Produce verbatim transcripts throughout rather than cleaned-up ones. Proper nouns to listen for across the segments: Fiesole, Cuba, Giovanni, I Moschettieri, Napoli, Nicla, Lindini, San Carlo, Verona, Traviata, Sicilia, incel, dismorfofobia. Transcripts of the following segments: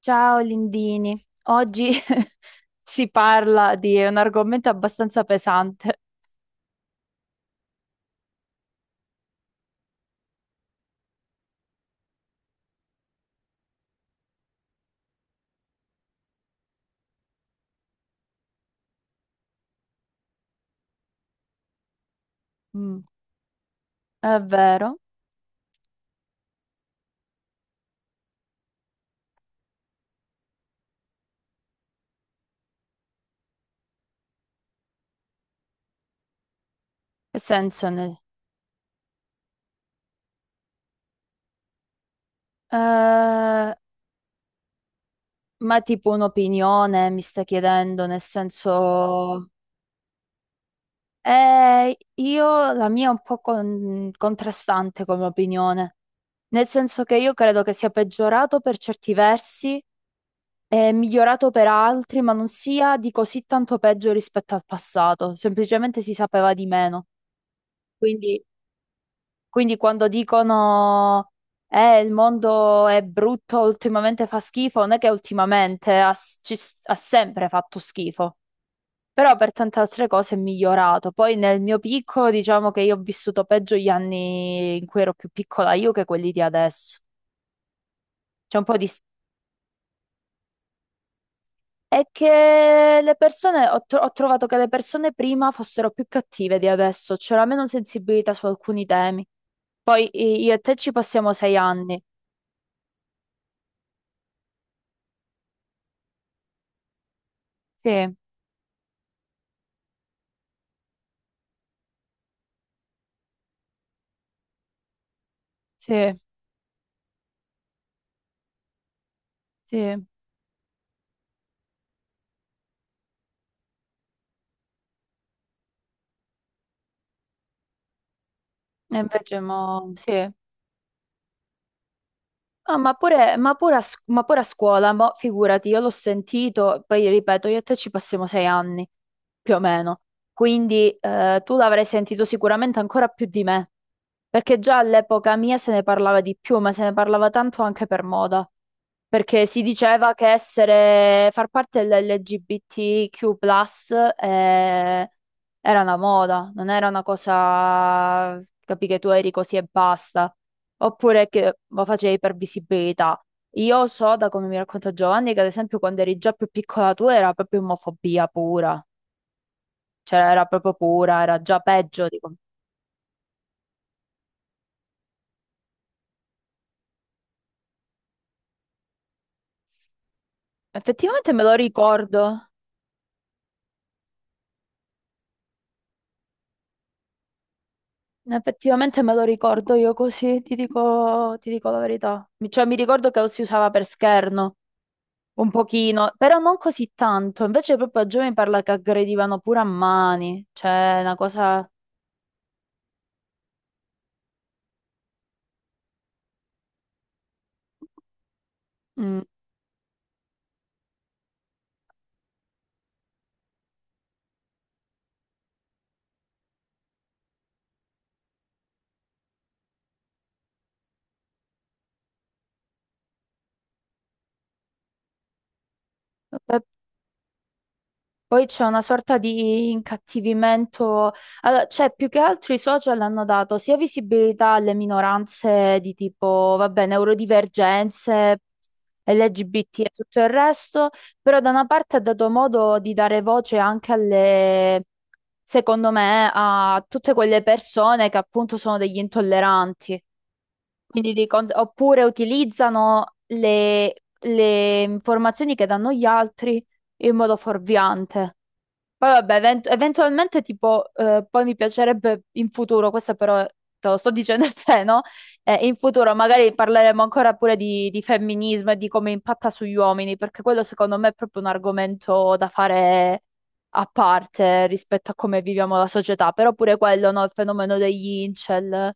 Ciao Lindini, oggi si parla di un argomento abbastanza pesante. Mm. È vero? Che senso ne- Eh, ma tipo un'opinione mi stai chiedendo, nel senso... Eh, io la mia è un po' con- contrastante come opinione, nel senso che io credo che sia peggiorato per certi versi e migliorato per altri, ma non sia di così tanto peggio rispetto al passato, semplicemente si sapeva di meno. Quindi, quindi quando dicono eh, il mondo è brutto, ultimamente fa schifo, non è che ultimamente ha, s- ci s- ha sempre fatto schifo. Però per tante altre cose è migliorato. Poi nel mio piccolo, diciamo che io ho vissuto peggio gli anni in cui ero più piccola io che quelli di adesso. C'è un po' di... È che le persone, ho, tro- ho trovato che le persone prima fossero più cattive di adesso, c'era meno sensibilità su alcuni temi. Poi i- io e te ci passiamo sei anni. Sì, sì, sì. E invece mo... Sì. Ah, ma pure, ma pure a, s- ma pure a scuola, mo, figurati, io l'ho sentito, poi ripeto, io e te ci passiamo sei anni, più o meno, quindi eh, tu l'avrai sentito sicuramente ancora più di me, perché già all'epoca mia se ne parlava di più, ma se ne parlava tanto anche per moda, perché si diceva che essere, far parte dell'L G B T Q plus, eh, era una moda, non era una cosa, capi che tu eri così e basta oppure che lo facevi per visibilità. Io so da come mi racconta Giovanni che ad esempio quando eri già più piccola tu era proprio omofobia pura, cioè era proprio pura, era già peggio. Dico. Effettivamente me lo ricordo, effettivamente me lo ricordo io così, ti dico, ti dico la verità. Mi- Cioè mi ricordo che lo si usava per scherno, un pochino, però non così tanto, invece proprio a giovani parla che aggredivano pure a mani, cioè una cosa... mm. Poi c'è una sorta di incattivimento, allora, cioè più che altro i social hanno dato sia visibilità alle minoranze di tipo, vabbè, neurodivergenze, L G B T e tutto il resto, però da una parte ha dato modo di dare voce anche alle, secondo me, a tutte quelle persone che appunto sono degli intolleranti. Quindi di con- oppure utilizzano le le informazioni che danno gli altri in modo fuorviante. Poi vabbè, event- eventualmente tipo, eh, poi mi piacerebbe in futuro, questo però te lo sto dicendo a te, no? Eh, in futuro magari parleremo ancora pure di, di femminismo e di come impatta sugli uomini, perché quello secondo me è proprio un argomento da fare a parte rispetto a come viviamo la società, però pure quello, no? Il fenomeno degli incel.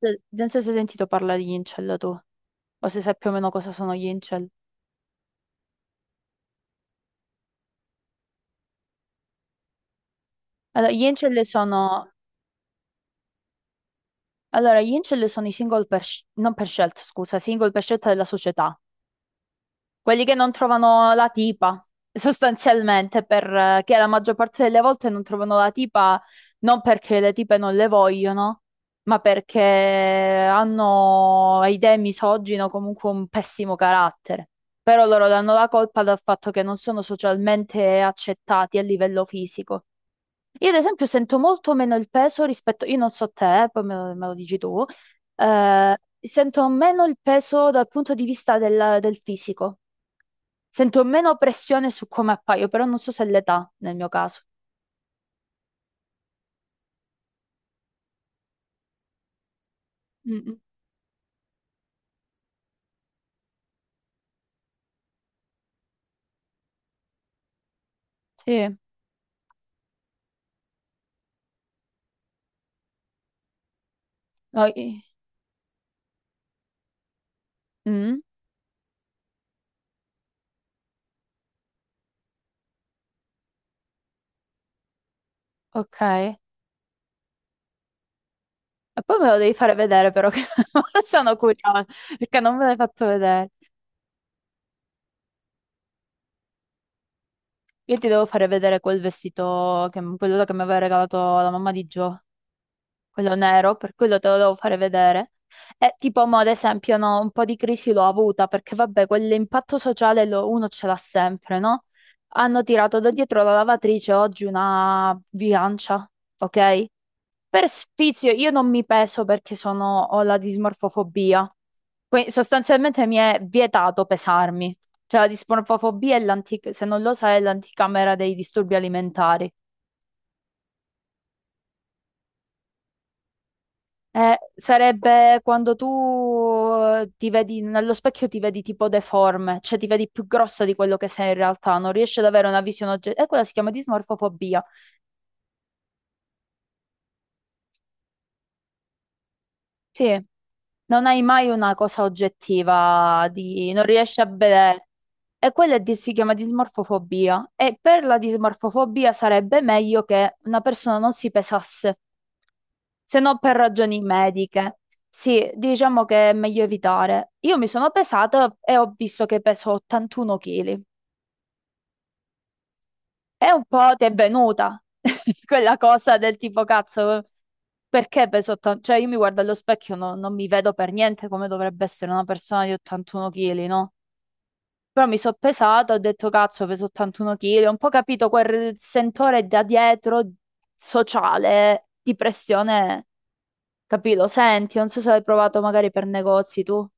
Se- Non so se hai sentito parlare di incel tu, o se sai più o meno cosa sono gli incel. Allora, gli incel sono... Allora, gli incel sono i single per, sc- non per scelta, scusa, single per scelta della società. Quelli che non trovano la tipa, sostanzialmente, perché la maggior parte delle volte non trovano la tipa non perché le tipe non le vogliono, ma perché hanno idee misogine o comunque un pessimo carattere. Però loro danno la colpa dal fatto che non sono socialmente accettati a livello fisico. Io ad esempio sento molto meno il peso rispetto, io non so te, eh, poi me lo, me lo dici tu, eh, sento meno il peso dal punto di vista del, del fisico, sento meno pressione su come appaio, però non so se è l'età nel mio caso. Mm, mm. Sì, no, i- mm, ok. E poi me lo devi fare vedere però, che sono curiosa, perché non me l'hai fatto vedere. Io ti devo fare vedere quel vestito, che, quello che mi aveva regalato la mamma di Gio, quello nero, per quello te lo devo fare vedere. E tipo, mo, ad esempio, no, un po' di crisi l'ho avuta perché, vabbè, quell'impatto sociale lo- uno ce l'ha sempre, no? Hanno tirato da dietro la lavatrice oggi una bilancia, ok? Per sfizio, io non mi peso perché sono, ho la dismorfofobia. Quindi sostanzialmente mi è vietato pesarmi. Cioè, la dismorfofobia è l'antica, se non lo sai, è l'anticamera dei disturbi alimentari. Eh, sarebbe quando tu eh, ti vedi nello specchio, ti vedi tipo deforme, cioè ti vedi più grossa di quello che sei in realtà, non riesci ad avere una visione oggettiva. E quella si chiama dismorfofobia. Sì, non hai mai una cosa oggettiva, di... non riesci a vedere. E quella è di- si chiama dismorfofobia. E per la dismorfofobia sarebbe meglio che una persona non si pesasse, se non per ragioni mediche. Sì, diciamo che è meglio evitare. Io mi sono pesata e ho visto che peso ottantuno chili. È un po' ti è venuta quella cosa del tipo cazzo, perché peso ottanta? Cioè io mi guardo allo specchio, no- non mi vedo per niente come dovrebbe essere una persona di ottantuno chili, no? Però mi sono pesata, ho detto cazzo, peso ottantuno chili, ho un po' capito quel sentore da dietro sociale di pressione, capì? Lo senti, non so se l'hai provato magari per negozi tu,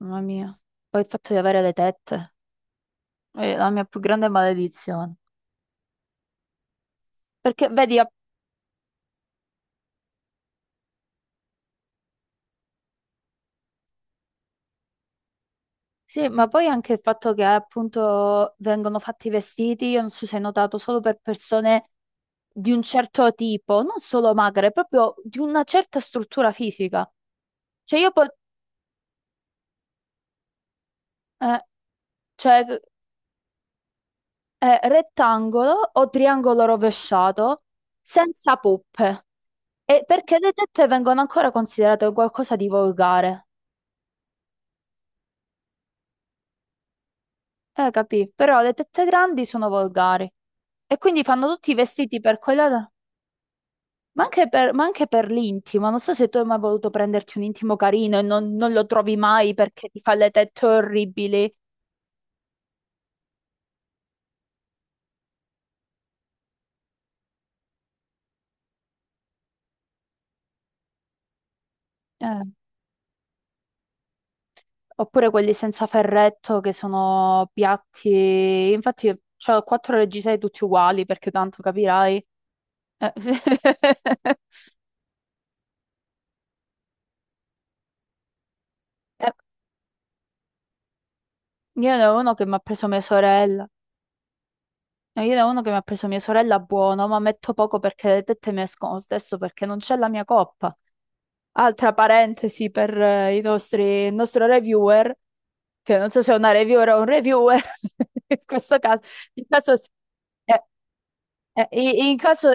mamma mia, poi il fatto di avere le tette è la mia più grande maledizione. Perché vedi, a- Sì, ma poi anche il fatto che appunto vengono fatti i vestiti, io non so se hai notato, solo per persone di un certo tipo, non solo magre, proprio di una certa struttura fisica. Cioè io pot- eh, cioè, eh, rettangolo o triangolo rovesciato senza poppe. E perché le tette vengono ancora considerate qualcosa di volgare. Eh, capì? Però le tette grandi sono volgari. E quindi fanno tutti i vestiti per quella. Ma anche per, ma anche per l'intimo, non so se tu hai mai voluto prenderti un intimo carino e non, non lo trovi mai perché ti fa le tette orribili. Eh, Oppure quelli senza ferretto che sono piatti. Infatti, ho quattro reggiseni tutti uguali perché tanto capirai. Eh, eh, Io ne ho uno che mi ha preso mia sorella. No, io ne ho uno che mi ha preso mia sorella buono, ma metto poco perché le tette mi escono lo stesso perché non c'è la mia coppa. Altra parentesi per eh, i nostri, il nostro reviewer, che non so se è una reviewer o un reviewer, in questo caso, in caso, eh, eh, i- in caso-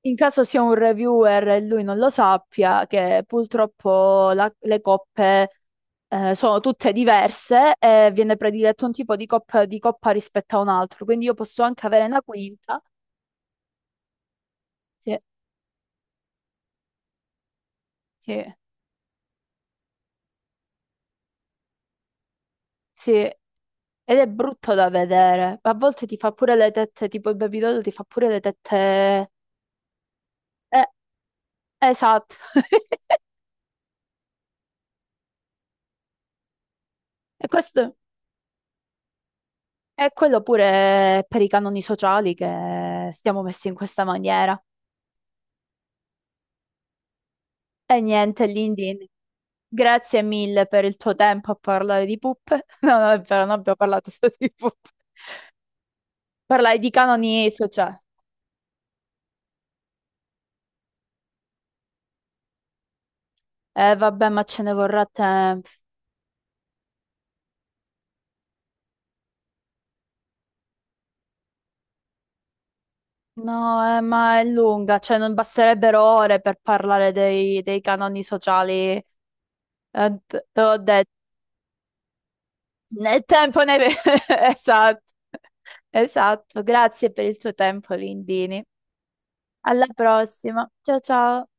in caso sia un reviewer e lui non lo sappia, che purtroppo la- le coppe eh, sono tutte diverse e viene prediletto un tipo di coppa, di coppa rispetto a un altro, quindi io posso anche avere una quinta, sì, sì, sì, ed è brutto da vedere, a volte ti fa pure le tette, tipo il Baby Doll ti fa pure le tette... eh, esatto. E questo E quello pure per i canoni sociali che stiamo messi in questa maniera. E niente, Lindin, grazie mille per il tuo tempo a parlare di puppe. No, no, è vero, non abbiamo parlato solo di puppe. Parlai di canoni sociali. Eh, vabbè, ma ce ne vorrà tempo. No, eh, ma è lunga, cioè non basterebbero ore per parlare dei, dei canoni sociali. Eh, te te l'ho detto. Né tempo né... Esatto. Esatto, grazie per il tuo tempo, Lindini. Alla prossima. Ciao ciao.